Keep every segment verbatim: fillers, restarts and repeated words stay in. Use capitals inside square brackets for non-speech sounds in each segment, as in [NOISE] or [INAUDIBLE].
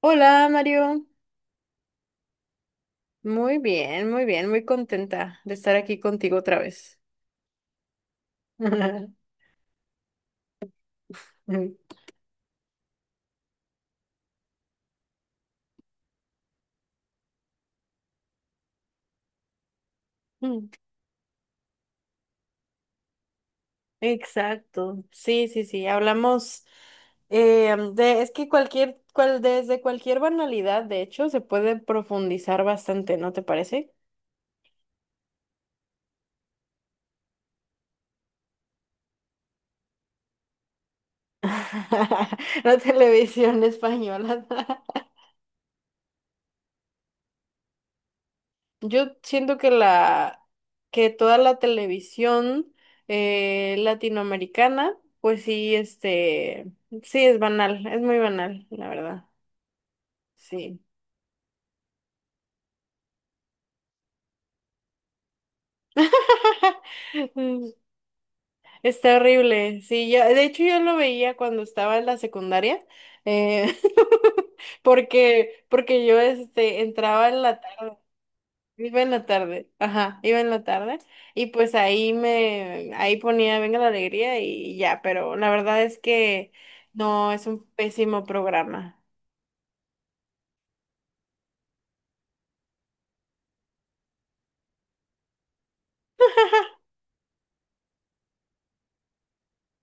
Hola Mario, muy bien, muy bien, muy contenta de estar aquí contigo otra vez. [LAUGHS] Mm, exacto, sí, sí, sí, hablamos eh, de, es que cualquier, cual, desde cualquier banalidad, de hecho, se puede profundizar bastante, ¿no te parece? [LAUGHS] La televisión española. [LAUGHS] Yo siento que la que toda la televisión eh, latinoamericana, pues sí, este, sí es banal, es muy banal, la verdad. Sí. [LAUGHS] Mm, Está horrible. Sí, yo, de hecho yo lo veía cuando estaba en la secundaria. Eh, [LAUGHS] porque porque yo este entraba en la. Iba en la tarde, ajá, iba en la tarde y pues ahí me, ahí ponía Venga la Alegría y ya, pero la verdad es que no, es un pésimo programa.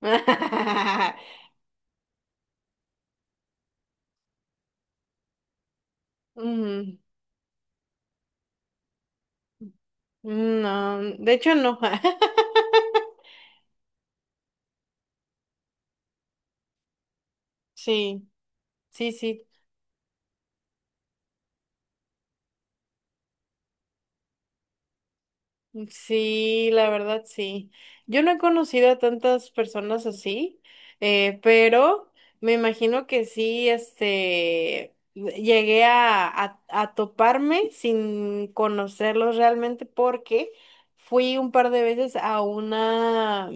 [LAUGHS] Mm, no, de hecho no. [LAUGHS] Sí, sí, sí. Sí, la verdad sí. Yo no he conocido a tantas personas así, eh, pero me imagino que sí, este, llegué a, a, a toparme sin conocerlos realmente porque fui un par de veces a una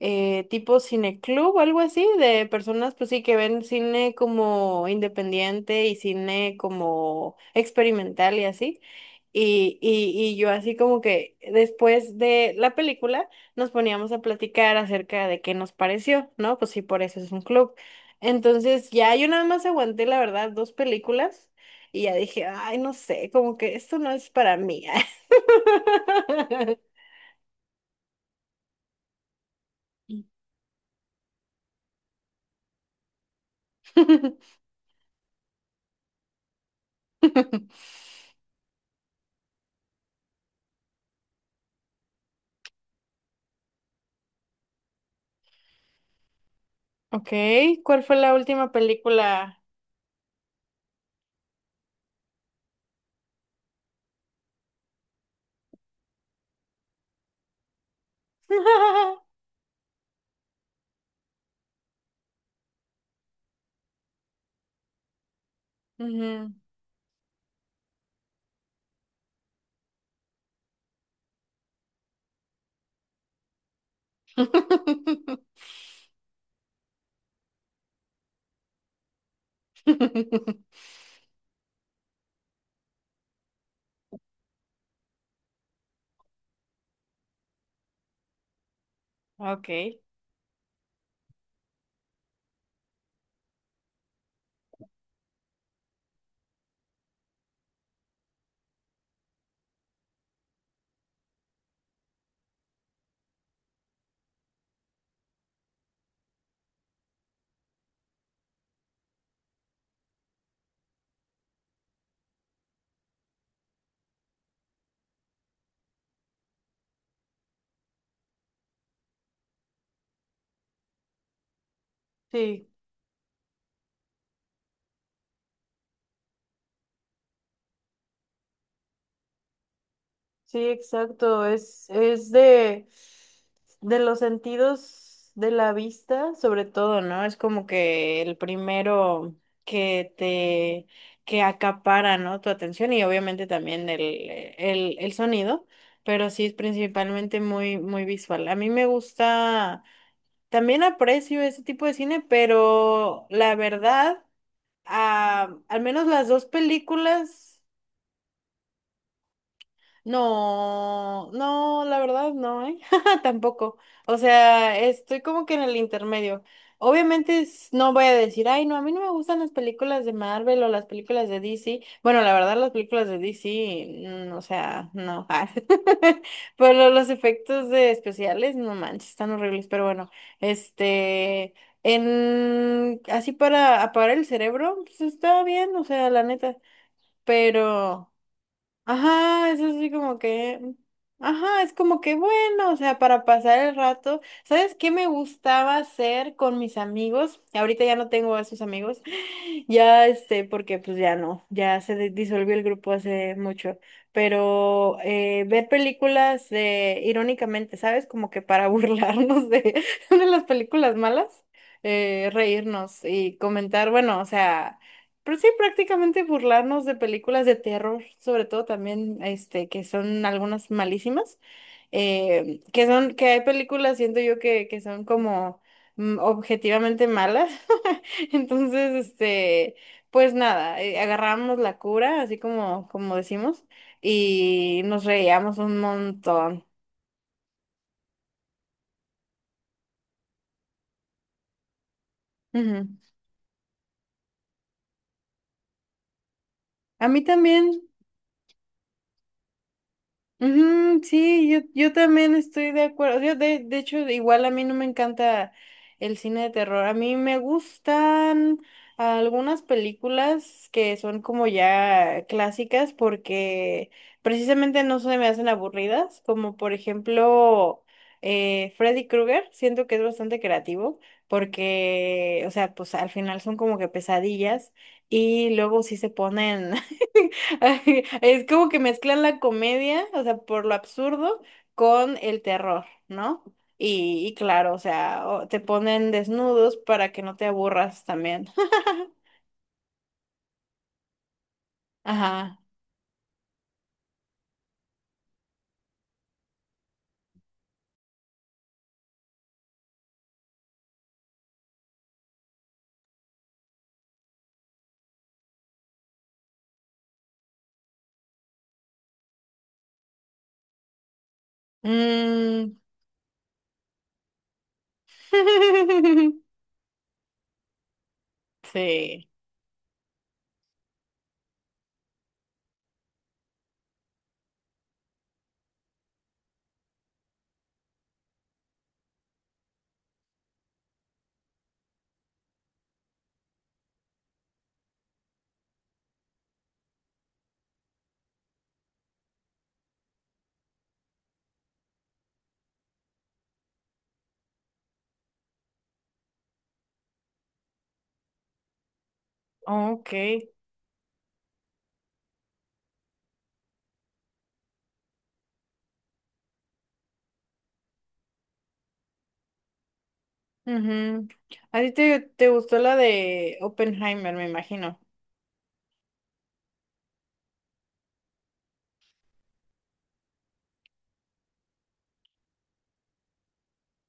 eh, tipo cineclub o algo así de personas, pues sí, que ven cine como independiente y cine como experimental y así. Y, y, y yo así como que después de la película nos poníamos a platicar acerca de qué nos pareció, ¿no? Pues sí, por eso es un club. Entonces ya yo nada más aguanté, la verdad, dos películas y ya dije, ay, no sé, como que esto no es para mí. [LAUGHS] Ok, ¿cuál fue la última película? [LAUGHS] Ujú. [LAUGHS] Ok, sí. Sí, exacto. Es, es de, de los sentidos de la vista, sobre todo, ¿no? Es como que el primero que te, que acapara, ¿no? Tu atención y obviamente también el, el, el sonido, pero sí es principalmente muy, muy visual. A mí me gusta, también aprecio ese tipo de cine, pero la verdad, ah, al menos las dos películas. No, no, la verdad no, ¿eh? [LAUGHS] Tampoco. O sea, estoy como que en el intermedio. Obviamente s- no voy a decir, ay, no, a mí no me gustan las películas de Marvel o las películas de D C. Bueno, la verdad, las películas de D C, mm, o sea, no. [LAUGHS] Ah. Pero los efectos de especiales, no manches, están horribles. Pero bueno, este, en, así para apagar el cerebro, pues está bien, o sea, la neta. Pero ajá, es así como que, ajá, es como que bueno, o sea, para pasar el rato. ¿Sabes qué me gustaba hacer con mis amigos? Ahorita ya no tengo a esos amigos. [GASPS] Ya este, porque pues ya no, ya se di- disolvió el grupo hace mucho, pero eh, ver películas de, irónicamente, ¿sabes? Como que para burlarnos de, [LAUGHS] de las películas malas, eh, reírnos y comentar, bueno, o sea. Pero sí, prácticamente burlarnos de películas de terror, sobre todo también, este, que son algunas malísimas, eh, que son, que hay películas, siento yo, que, que son como mm, objetivamente malas. [LAUGHS] Entonces, este, pues nada, eh, agarramos la cura, así como, como decimos, y nos reíamos un montón. Ujú. A mí también. Ujú, sí, yo, yo también estoy de acuerdo. Yo de, de hecho, igual a mí no me encanta el cine de terror. A mí me gustan algunas películas que son como ya clásicas porque precisamente no se me hacen aburridas, como por ejemplo eh, Freddy Krueger. Siento que es bastante creativo porque, o sea, pues al final son como que pesadillas y luego sí se ponen. [LAUGHS] Es como que mezclan la comedia, o sea, por lo absurdo, con el terror, ¿no? Y, y claro, o sea, o- te ponen desnudos para que no te aburras también. [LAUGHS] Ajá. Mm. [LAUGHS] Sí. Ok. Ujú. A ti te, te gustó la de Oppenheimer, me imagino.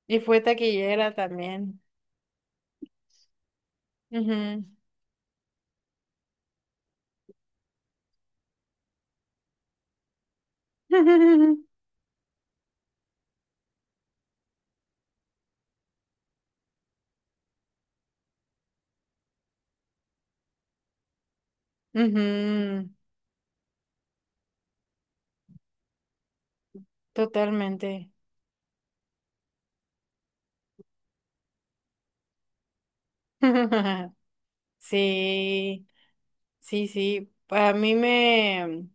Y fue taquillera también. Ujú. [LAUGHS] Ujú. Totalmente. [LAUGHS] Sí. Sí, sí, a mí me,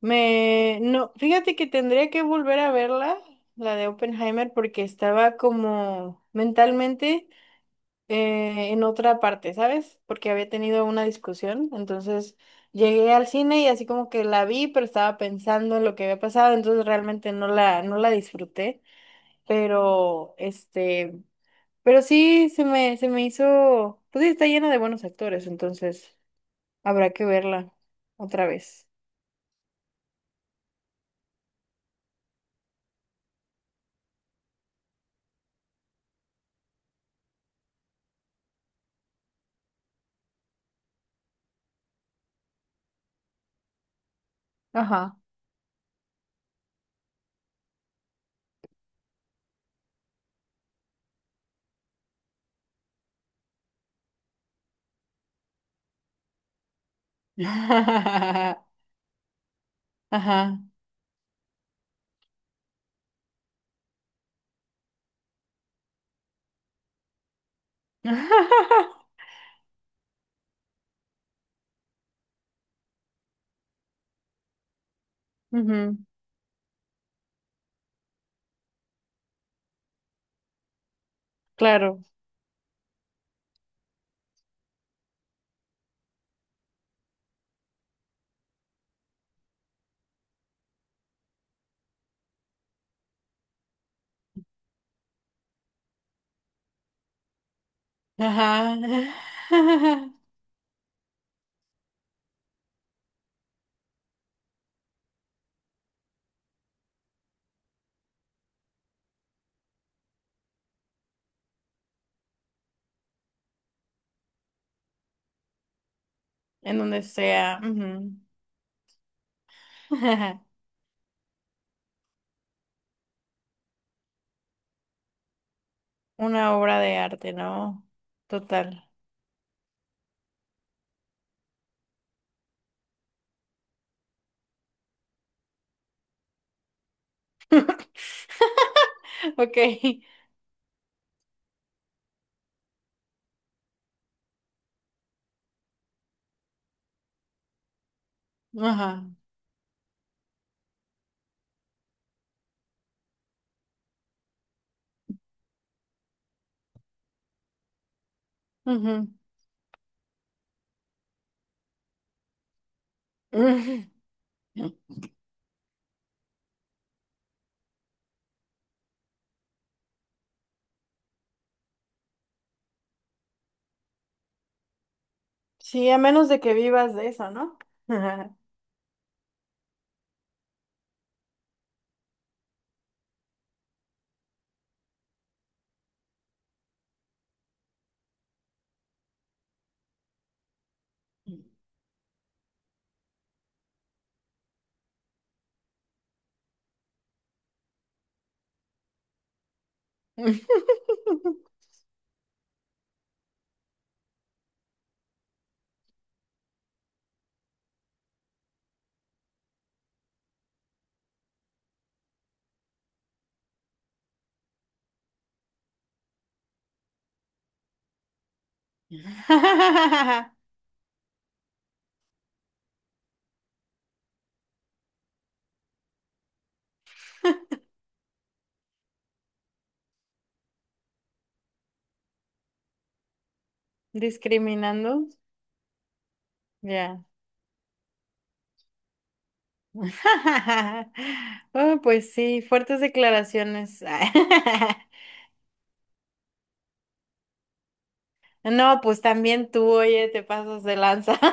me, no, fíjate que tendría que volver a verla, la de Oppenheimer, porque estaba como mentalmente eh, en otra parte, ¿sabes? Porque había tenido una discusión, entonces llegué al cine y así como que la vi, pero estaba pensando en lo que había pasado, entonces realmente no la, no la disfruté, pero este, pero sí se me, se me hizo, pues sí, está llena de buenos actores, entonces habrá que verla otra vez. Ajá. [LAUGHS] Ajá. [LAUGHS] Ujú. Claro. Ajá. [LAUGHS] En donde sea. Ujú. [LAUGHS] Una obra de arte, ¿no? Total. [LAUGHS] Ok. Ajá. Ujú. [LAUGHS] Ujú. Sí, a menos de que vivas de eso, ¿no? Ajá. [LAUGHS] Discriminando. Ya. [LAUGHS] Oh, pues sí, fuertes declaraciones. [LAUGHS] No, pues también tú, oye, te pasas de lanza. [LAUGHS]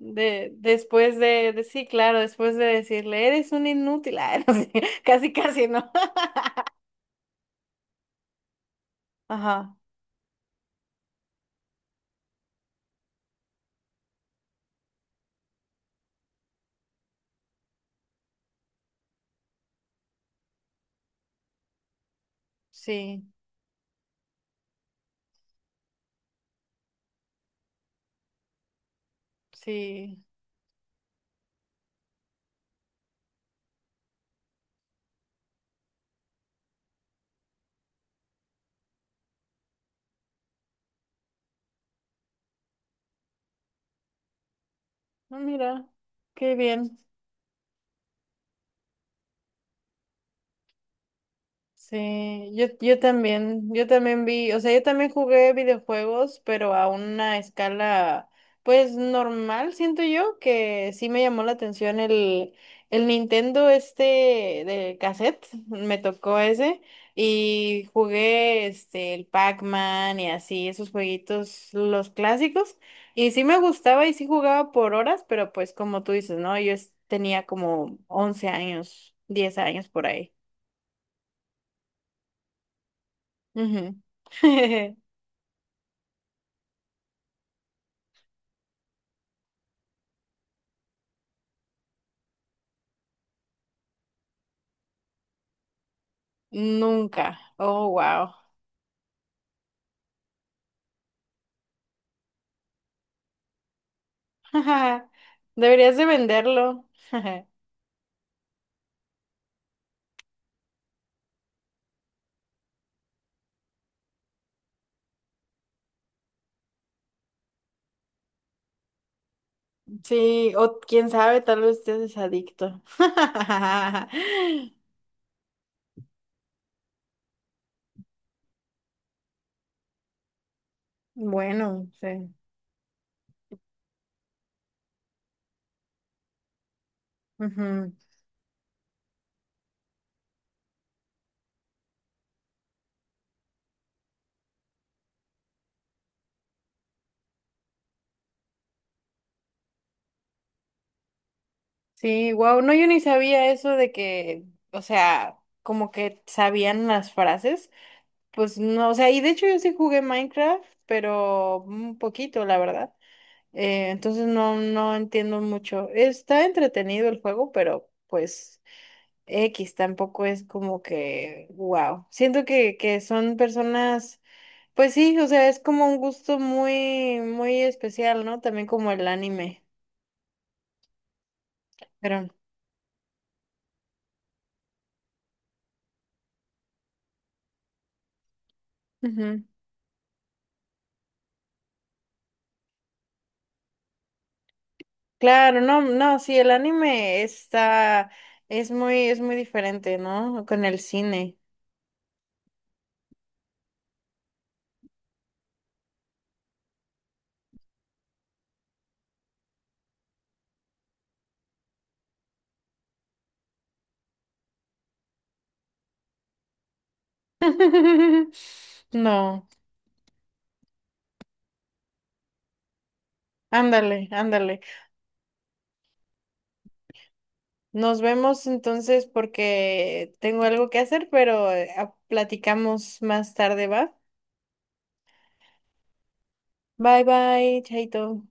De, después de, de- sí, claro, después de decirle, eres un inútil, ah, [LAUGHS] no sé, casi, casi, ¿no? [LAUGHS] Ajá, sí, sí. Ah, mira, qué bien. Sí, yo, yo también, yo también vi, o sea, yo también jugué videojuegos, pero a una escala, pues normal, siento yo, que sí me llamó la atención el, el Nintendo este de cassette, me tocó ese, y jugué este, el Pac-Man y así, esos jueguitos, los clásicos, y sí me gustaba y sí jugaba por horas, pero pues como tú dices, ¿no? Yo es- tenía como once años, diez años por ahí. Ujú. [LAUGHS] Nunca. Oh, wow. [LAUGHS] Deberías de venderlo. [LAUGHS] Sí, o quién sabe, tal vez estés adicto. [LAUGHS] Bueno, sí. Ujú. Sí, wow. No, yo ni sabía eso de que, o sea, como que sabían las frases. Pues no, o sea, y de hecho yo sí jugué Minecraft, pero un poquito, la verdad. Eh, entonces no, no entiendo mucho. Está entretenido el juego, pero pues X tampoco es como que, wow. Siento que, que son personas, pues sí, o sea, es como un gusto muy, muy especial, ¿no? También como el anime. Pero, ujú. Claro, no, no, sí, el anime está, es muy, es muy diferente, ¿no? Con el cine. [LAUGHS] No, ándale, ándale. Nos vemos entonces porque tengo algo que hacer, pero eh, a- platicamos más tarde, ¿va? Bye bye, Chaito.